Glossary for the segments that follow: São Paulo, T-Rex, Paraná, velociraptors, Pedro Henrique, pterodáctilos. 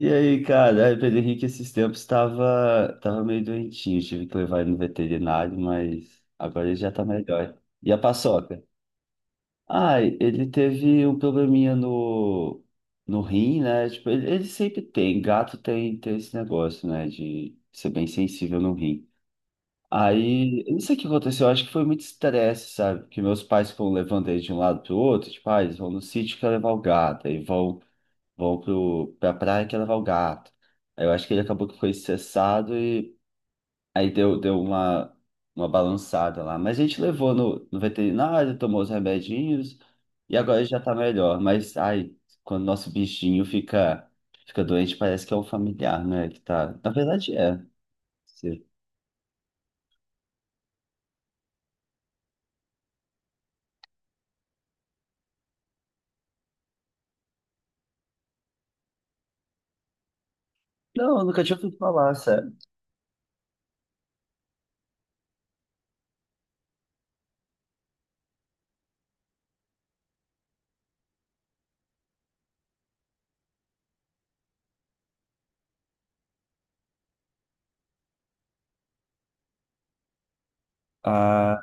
E aí, cara, aí o Pedro Henrique esses tempos estava tava meio doentinho, tive que levar ele no veterinário, mas agora ele já tá melhor. E a paçoca? Ai, ele teve um probleminha no, no rim, né? Tipo, ele sempre tem, gato tem esse negócio, né, de ser bem sensível no rim. Aí, eu não sei o que aconteceu, eu acho que foi muito estresse, sabe? Porque meus pais foram levando ele de um lado pro outro, tipo, ah, eles vão no sítio que levar o gato, aí vão vou pra praia que ia levar o gato. Aí eu acho que ele acabou que foi cessado e aí deu uma balançada lá. Mas a gente levou no, no veterinário, tomou os remedinhos e agora já tá melhor. Mas, ai, quando nosso bichinho fica doente, parece que é um familiar, né? Que tá... Na verdade é. Sim. Não, eu nunca tinha ouvido falar, sério. Ah,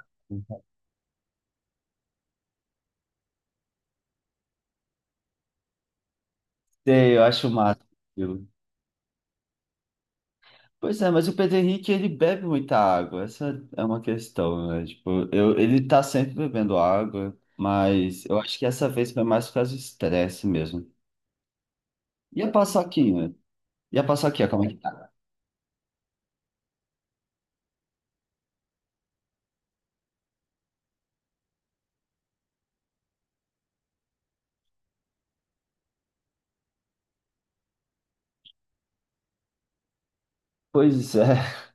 sei, eu acho massa. Aquilo. Pois é, mas o Pedro Henrique, ele bebe muita água, essa é uma questão, né? Tipo, eu, ele tá sempre bebendo água, mas eu acho que essa vez foi mais por causa do estresse mesmo. E a paçoquinha? E a paçoquinha, como é que tá? Pois é,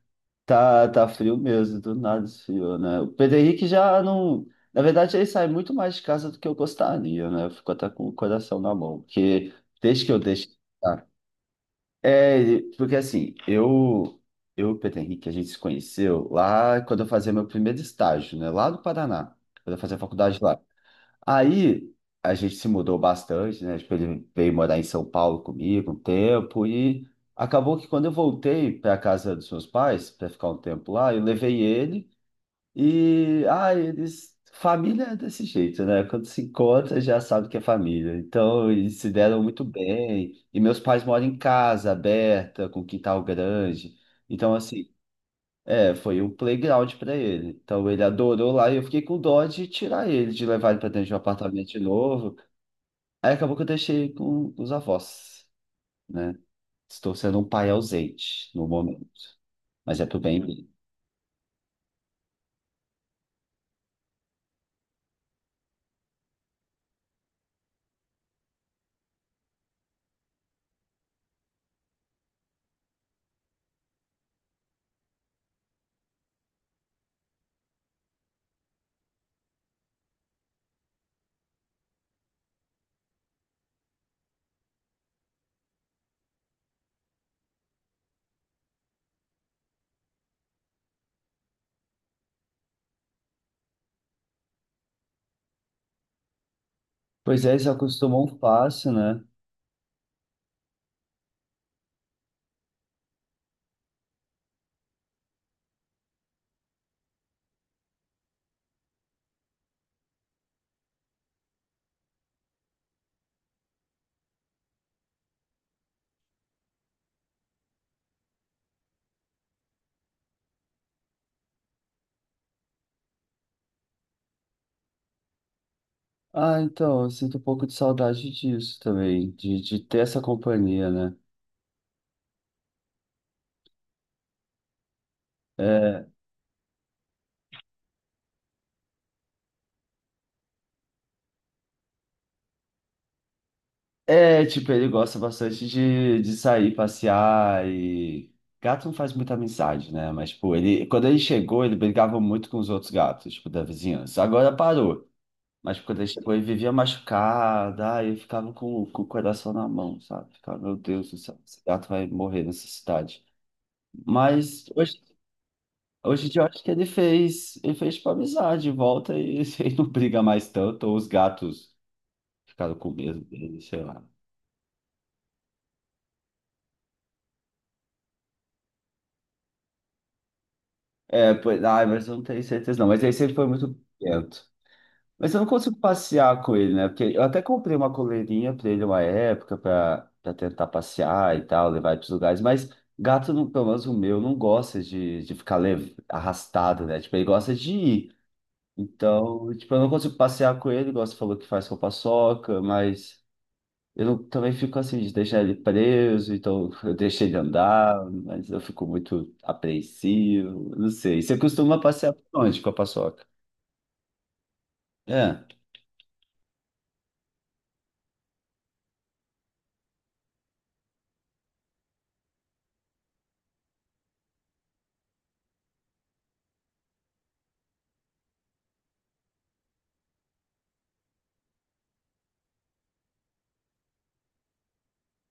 tá frio mesmo, do nada esfriou, né? O Pedro Henrique já não... Na verdade, ele sai muito mais de casa do que eu gostaria, né? Eu fico até com o coração na mão, porque desde que eu deixo... É, porque assim, eu Pedro Henrique, a gente se conheceu lá quando eu fazia meu primeiro estágio, né? Lá do Paraná, quando eu fazia faculdade lá. Aí a gente se mudou bastante, né? Tipo, ele veio morar em São Paulo comigo um tempo e acabou que quando eu voltei para casa dos meus pais, para ficar um tempo lá, eu levei ele. E, ah, eles. Família é desse jeito, né? Quando se encontra, já sabe que é família. Então, eles se deram muito bem. E meus pais moram em casa aberta, com quintal grande. Então, assim, é, foi um playground para ele. Então, ele adorou lá e eu fiquei com dó de tirar ele, de levar ele para dentro de um apartamento de novo. Aí acabou que eu deixei com os avós, né? Estou sendo um pai ausente no momento, mas é pro bem dele. Pois é, eles acostumam fácil, né? Ah, então, eu sinto um pouco de saudade disso também, de ter essa companhia, né? É, é, tipo, ele gosta bastante de sair, passear e. Gato não faz muita amizade, né? Mas, tipo, ele, quando ele chegou, ele brigava muito com os outros gatos, tipo, da vizinhança. Agora parou. Mas quando ele chegou, ele vivia machucado, aí eu ficava com o coração na mão, sabe? Ficava, meu Deus do céu, esse gato vai morrer nessa cidade. Mas hoje Hoje em dia eu acho que ele fez tipo amizade, volta e ele não briga mais tanto, ou os gatos ficaram com medo dele, sei lá. É, pois, ai, mas eu não tenho certeza não, mas ele sempre foi muito quieto. Mas eu não consigo passear com ele, né? Porque eu até comprei uma coleirinha pra ele uma época, pra, tentar passear e tal, levar ele pros lugares, mas gato, não, pelo menos o meu, não gosta de ficar arrastado, né? Tipo, ele gosta de ir. Então, tipo, eu não consigo passear com ele, igual você falou que faz com a paçoca, mas. Eu não, também fico assim, de deixar ele preso, então eu deixo ele andar, mas eu fico muito apreensivo, não sei. Você costuma passear por onde com a paçoca? É,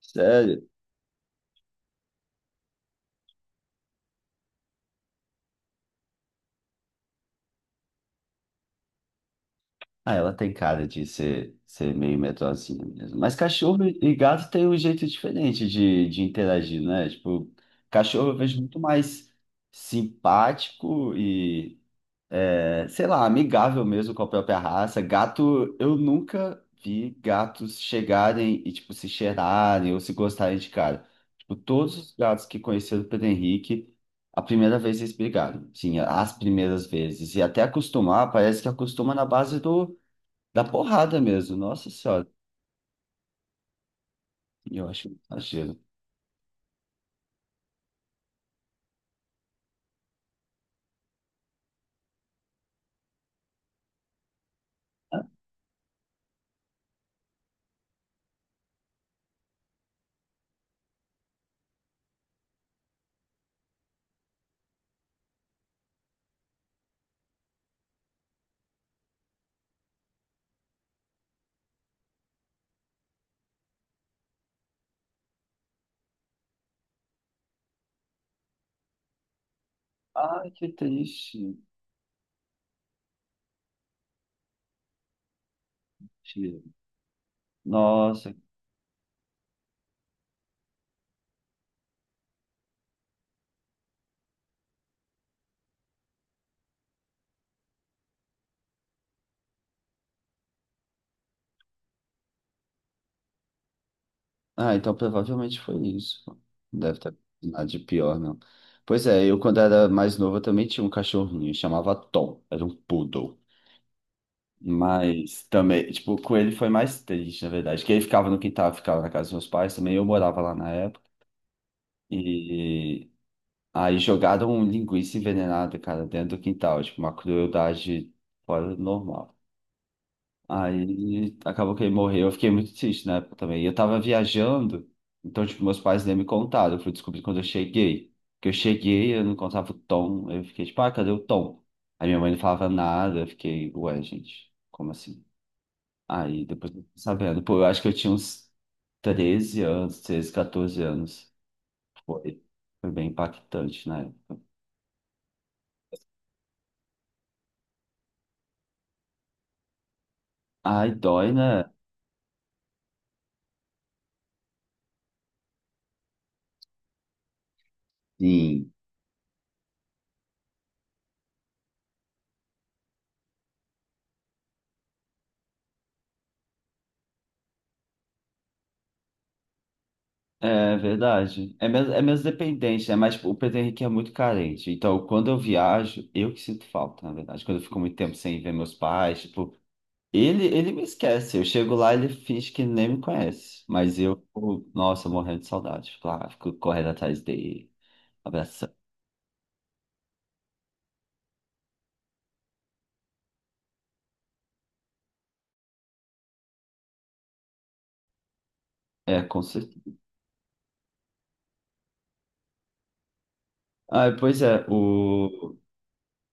sério. Ah, ela tem cara de ser, ser meio medrosinha mesmo. Mas cachorro e gato tem um jeito diferente de interagir, né? Tipo, cachorro eu vejo muito mais simpático e. É, sei lá, amigável mesmo com a própria raça. Gato, eu nunca vi gatos chegarem e, tipo, se cheirarem ou se gostarem de cara. Tipo, todos os gatos que conheceram o Pedro Henrique, a primeira vez eles brigaram. Sim, as primeiras vezes. E até acostumar, parece que acostuma na base da porrada mesmo. Nossa Senhora, eu acho um exagero. Ai, que triste. Nossa. Ah, então provavelmente foi isso. Não deve ter nada de pior, não. Pois é, eu quando era mais novo eu também tinha um cachorrinho, chamava Tom, era um poodle. Mas também, tipo, com ele foi mais triste, na verdade, que ele ficava no quintal, ficava na casa dos meus pais também, eu morava lá na época. E aí jogaram um linguiça envenenada, cara, dentro do quintal, tipo, uma crueldade fora do normal. Aí acabou que ele morreu. Eu fiquei muito triste na época também. E eu tava viajando, então, tipo, meus pais nem me contaram. Eu fui descobrir quando eu cheguei. Que eu cheguei, eu não contava o Tom. Eu fiquei tipo, ah, cadê o Tom? Aí minha mãe não falava nada. Eu fiquei, ué, gente, como assim? Aí depois eu fui sabendo. Pô, eu acho que eu tinha uns 13 anos, 13, 14 anos. Foi, foi, bem impactante, né? Ai, dói, né? Sim. É verdade. é menos dependente, né? Mas tipo, o Pedro Henrique é muito carente. Então, quando eu viajo, eu que sinto falta, na verdade. Quando eu fico muito tempo sem ver meus pais, tipo, ele me esquece. Eu chego lá, ele finge que nem me conhece. Mas eu, tipo, nossa, morrendo de saudade. Fico lá, fico correndo atrás dele, abraçando. É, com certeza. Ah, pois é, o...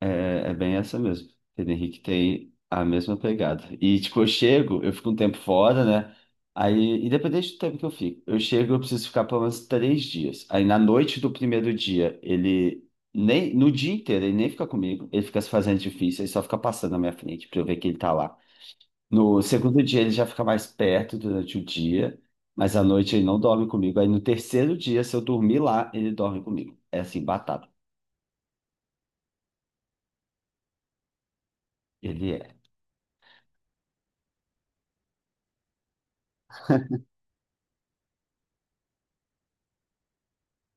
É, é bem essa mesmo. Pedro Henrique tem a mesma pegada. E, tipo, eu chego, eu fico um tempo fora, né? Aí, independente do tempo que eu fico, eu chego, eu preciso ficar pelo menos 3 dias. Aí, na noite do primeiro dia, ele nem, no dia inteiro, ele nem fica comigo, ele fica se fazendo difícil, ele só fica passando na minha frente pra eu ver que ele tá lá. No segundo dia, ele já fica mais perto durante o dia, mas à noite ele não dorme comigo. Aí, no terceiro dia, se eu dormir lá, ele dorme comigo. É assim, batata. Ele é.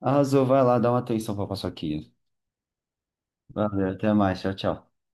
Arrasou, vai lá, dá uma atenção pra paçoquinha. Valeu, até mais, tchau, tchau.